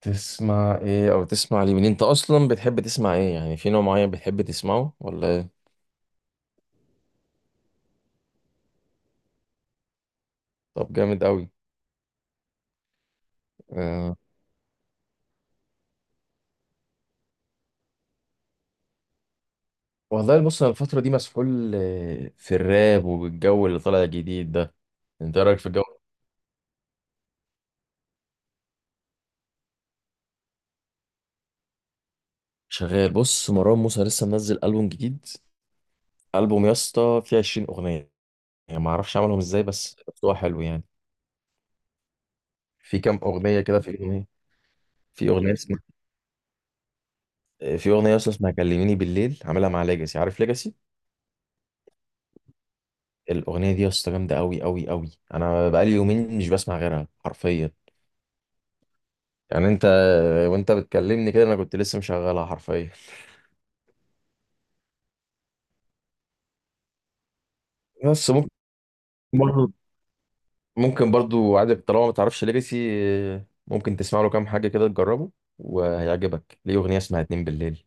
تسمع ايه او تسمع لمين؟ انت اصلا بتحب تسمع ايه؟ يعني في نوع معين بتحب تسمعه ولا ايه؟ طب جامد قوي. أه. والله بص، انا الفتره دي مسحول، في الراب والجو اللي طالع جديد ده. انت إيه رايك في الجو؟ شغال. بص، مروان موسى لسه منزل البوم جديد. البوم يا اسطى فيه 20 اغنيه. يعني ما اعرفش عملهم ازاي بس. هو حلو يعني. في كام اغنيه كده. في اغنيه اسمها. في اغنيه اصلا اسمها كلميني بالليل، عاملها مع ليجاسي. عارف ليجاسي؟ الاغنيه دي يا اسطى جامده قوي قوي قوي. انا بقالي يومين مش بسمع غيرها حرفيا. يعني انت، وانت بتكلمني كده انا كنت لسه مشغلها حرفيا. بس برضو ممكن برضو عادي طالما ما تعرفش ليجاسي ممكن تسمع له كام حاجه كده تجربه. وهيعجبك ليه اغنيه اسمها اتنين بالليل،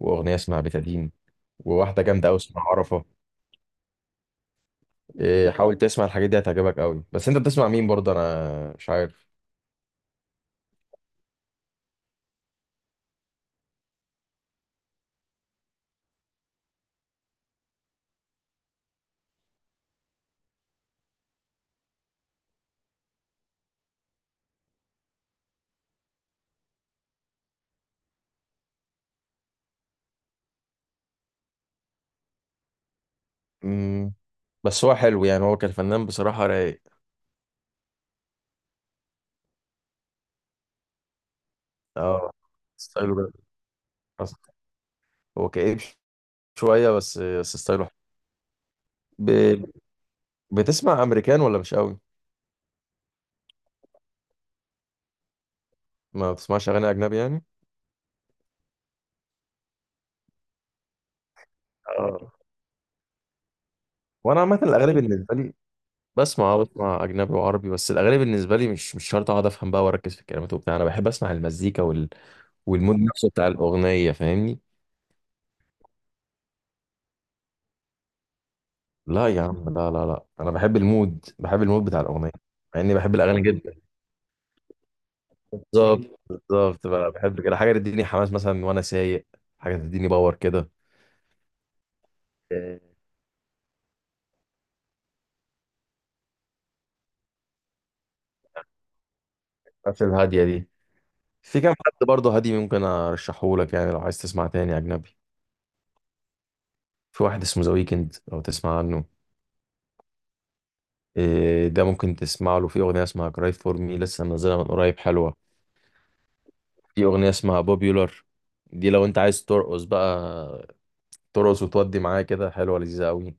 واغنيه اسمها بتادين، وواحده جامده قوي اسمها عرفه. إيه، حاول تسمع الحاجات دي هتعجبك قوي. بس انت بتسمع مين برضه؟ انا مش عارف. امم. بس هو حلو يعني، هو كان فنان بصراحه رايق. اه ستايله جامد. هو كئيب شوية بس، بس ستايله حلو. ب... بتسمع أمريكان ولا مش قوي؟ ما بتسمعش أغاني أجنبي يعني؟ اه، وأنا عامة الأغاني بالنسبة لي بسمع أجنبي وعربي. بس الأغاني بالنسبة لي مش شرط أقعد أفهم بقى وأركز في الكلمات وبتاع، أنا بحب أسمع المزيكا والمود نفسه بتاع الأغنية، فاهمني؟ لا يا عم، لا لا لا، أنا بحب المود، بحب المود بتاع الأغنية، مع إني بحب الأغاني جدا. بالظبط بالظبط بقى، بحب كده حاجة تديني حماس مثلا وأنا سايق، حاجة تديني باور كده. آه، الحاجات الهادية دي في كام حد برضه هادي ممكن ارشحه لك، يعني لو عايز تسمع تاني اجنبي، في واحد اسمه ذا ويكند لو تسمع عنه. إيه، ده ممكن تسمع له في اغنيه اسمها كراي فور مي، لسه منزلها من قريب، حلوه. في اغنيه اسمها بوبيولار، دي لو انت عايز ترقص بقى، ترقص وتودي معايا كده، حلوه لذيذه قوي.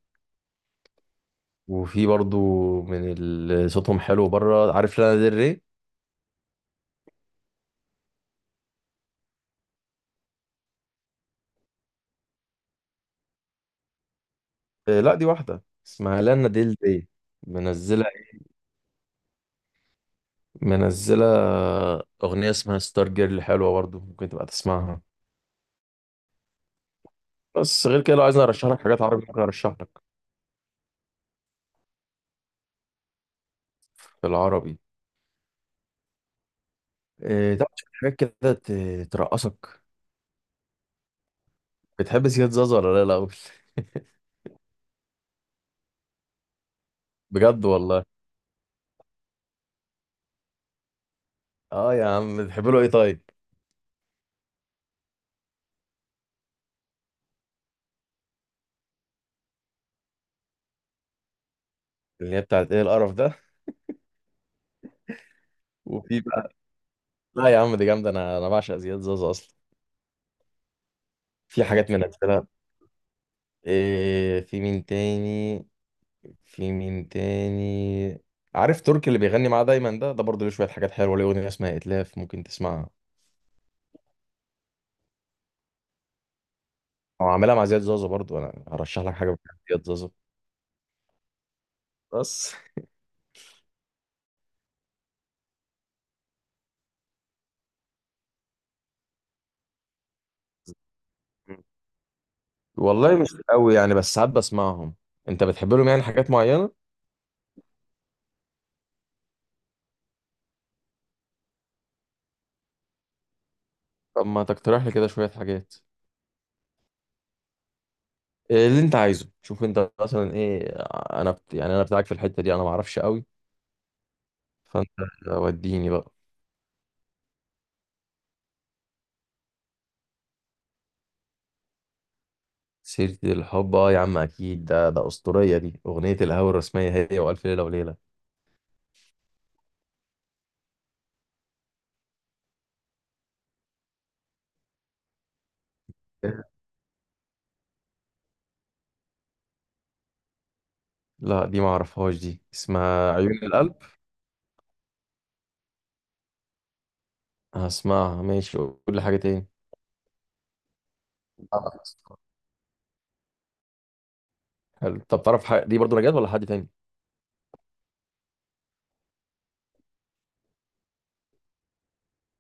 وفي برضه من اللي صوتهم حلو بره، عارف لانا ديل ري؟ إيه، لا دي واحده اسمها لانا ديل ري. منزله منزله اغنيه اسمها ستار جيرل، حلوه برضه ممكن تبقى تسمعها. بس غير كده لو عايزني ارشح لك حاجات عربي ممكن ارشح لك في العربي. إيه طبعا، شوية حاجات كده ترقصك. بتحب زياد زازا ولا لا الاول؟ بجد والله. اه يا عم، بتحب له ايه طيب؟ اللي هي بتاعت ايه القرف ده؟ وفي بقى. لا يا عم دي جامده، انا بعشق زياد زازا اصلا. في حاجات من امثله. إيه في مين تاني عارف تركي اللي بيغني معاه دايما ده برضه ليه شويه حاجات حلوه، ليه اغنيه اسمها اتلاف ممكن تسمعها. او عاملها مع زياد زازا برضه، انا هرشح لك حاجه بتاعت زياد زازا بس. والله مش قوي يعني، بس ساعات بسمعهم. انت بتحب لهم يعني حاجات معينة؟ طب ما تقترح لي كده شوية حاجات. إيه اللي انت عايزه؟ شوف انت مثلا ايه. انا يعني انا بتاعك في الحتة دي، انا ما اعرفش قوي، فانت وديني بقى. سيرة الحب اه يا عم اكيد، ده ده اسطورية، دي اغنية الهوى الرسمية هي والف ليلة وليلة. لا دي ما اعرفهاش، دي اسمها عيون القلب؟ هسمعها ماشي، قول لي حاجة تاني. آه، حلو، طب تعرف حاجة دي برضو نجاة ولا حد تاني؟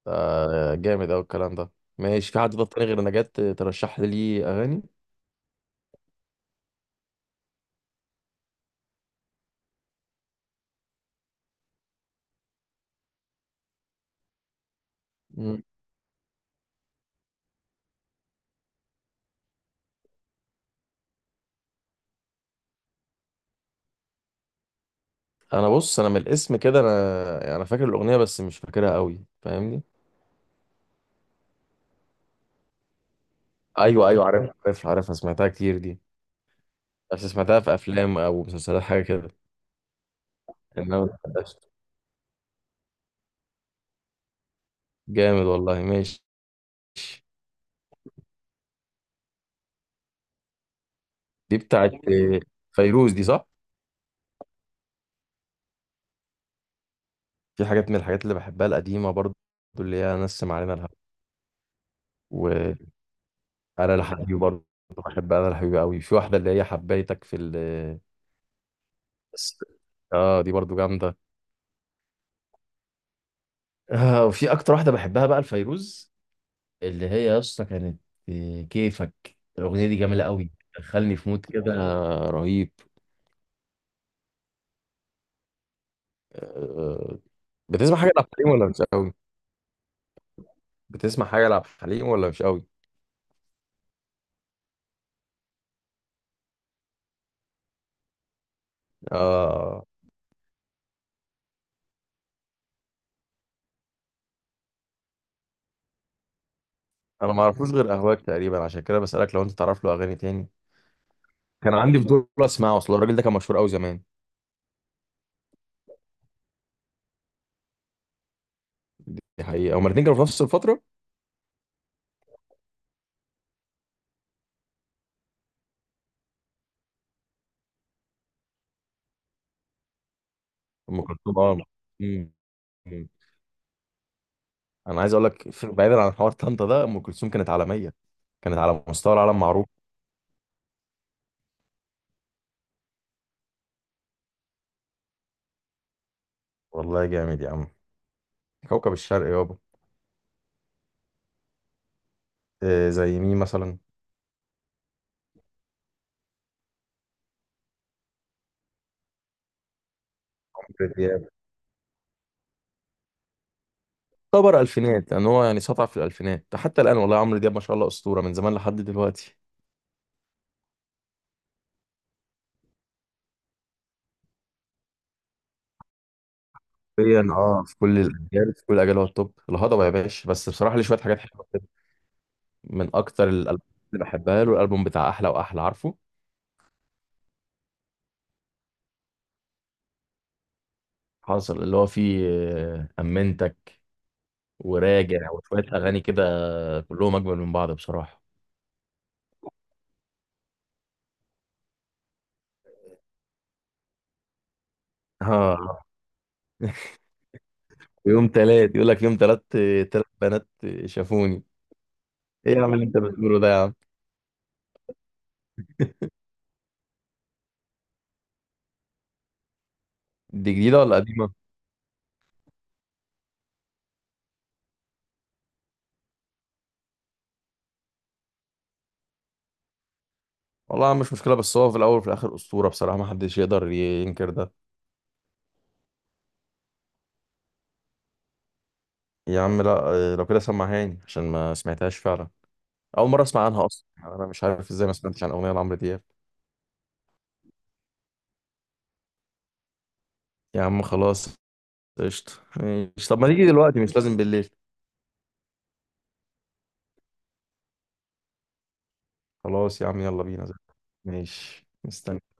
جامد أوي الكلام ده. ماشي، في حد طب تاني غير نجاة ترشح لي ليه أغاني؟ مم. أنا بص، أنا من الاسم كده، أنا فاكر الأغنية بس مش فاكرها أوي، فاهمني؟ أيوه أيوه، عارف عارف عارفها، سمعتها كتير دي، بس سمعتها في أفلام أو مسلسلات حاجة كده. إنما ما سمعتهاش. جامد والله، ماشي. دي بتاعت فيروز دي، صح؟ في حاجات من الحاجات اللي بحبها القديمة برضو، اللي هي نسم علينا الهوا، وأنا لحبيبي برضو. بحب أنا لحبيبي أوي، في واحدة اللي هي حبيتك في ال... بس اه دي برضو جامده. آه، وفي اكتر واحده بحبها بقى الفيروز اللي هي يا اسطى كانت، كيفك، الاغنيه دي جميله قوي، دخلني في مود كده رهيب. آه. بتسمع حاجه لعبد الحليم ولا مش قوي؟ بتسمع حاجه لعبد الحليم ولا مش قوي؟ آه، انا ما اعرفوش غير اهواك تقريبا، عشان كده بسالك لو انت تعرف له اغاني تاني، كان عندي فضول اسمعه، اصل الراجل ده كان مشهور قوي زمان. دي حقيقه، هما الاثنين كانوا في نفس الفتره. ام كلثوم، اه. مم. انا عايز اقول لك، بعيدا عن حوار طنطا ده، ام كلثوم كانت عالميه، كانت على مستوى العالم معروف. والله جامد يا عم. كوكب الشرق يابا. إيه زي مين مثلا؟ عمرو دياب يعتبر الفينات، لان هو يعني سطع في الالفينات حتى الان. والله عمرو دياب ما شاء الله اسطوره من زمان لحد دلوقتي. حرفياً، اه في كل الاجيال، في كل الاجيال هو التوب. الهضبه يا باشا، بس بصراحه ليه شويه حاجات حلوه كده. من اكتر الالبوم اللي بحبها له، الالبوم بتاع احلى واحلى، عارفه؟ حاصل اللي هو فيه، امنتك وراجع وشويه اغاني كده، كلهم اجمل من بعض بصراحه. اه. في يوم تلات، يقول لك يوم تلات تلات بنات شافوني. ايه يا عم اللي انت بتقوله ده يا عم؟ دي جديده ولا قديمه؟ والله يا عم مش مشكله، بس هو في الاول وفي الاخر اسطوره بصراحه، ما حدش يقدر ينكر ده. يا عم لا، لو كده سمعهاني عشان ما سمعتهاش فعلا. اول مره اسمع عنها اصلا يعني، انا مش عارف ازاي ما سمعتش عن اغنيه لعمرو دياب. يا عم خلاص. قشطه. ماشي، طب ما نيجي دلوقتي مش لازم بالليل. خلاص يا عم، يلا بينا. ماشي مستني.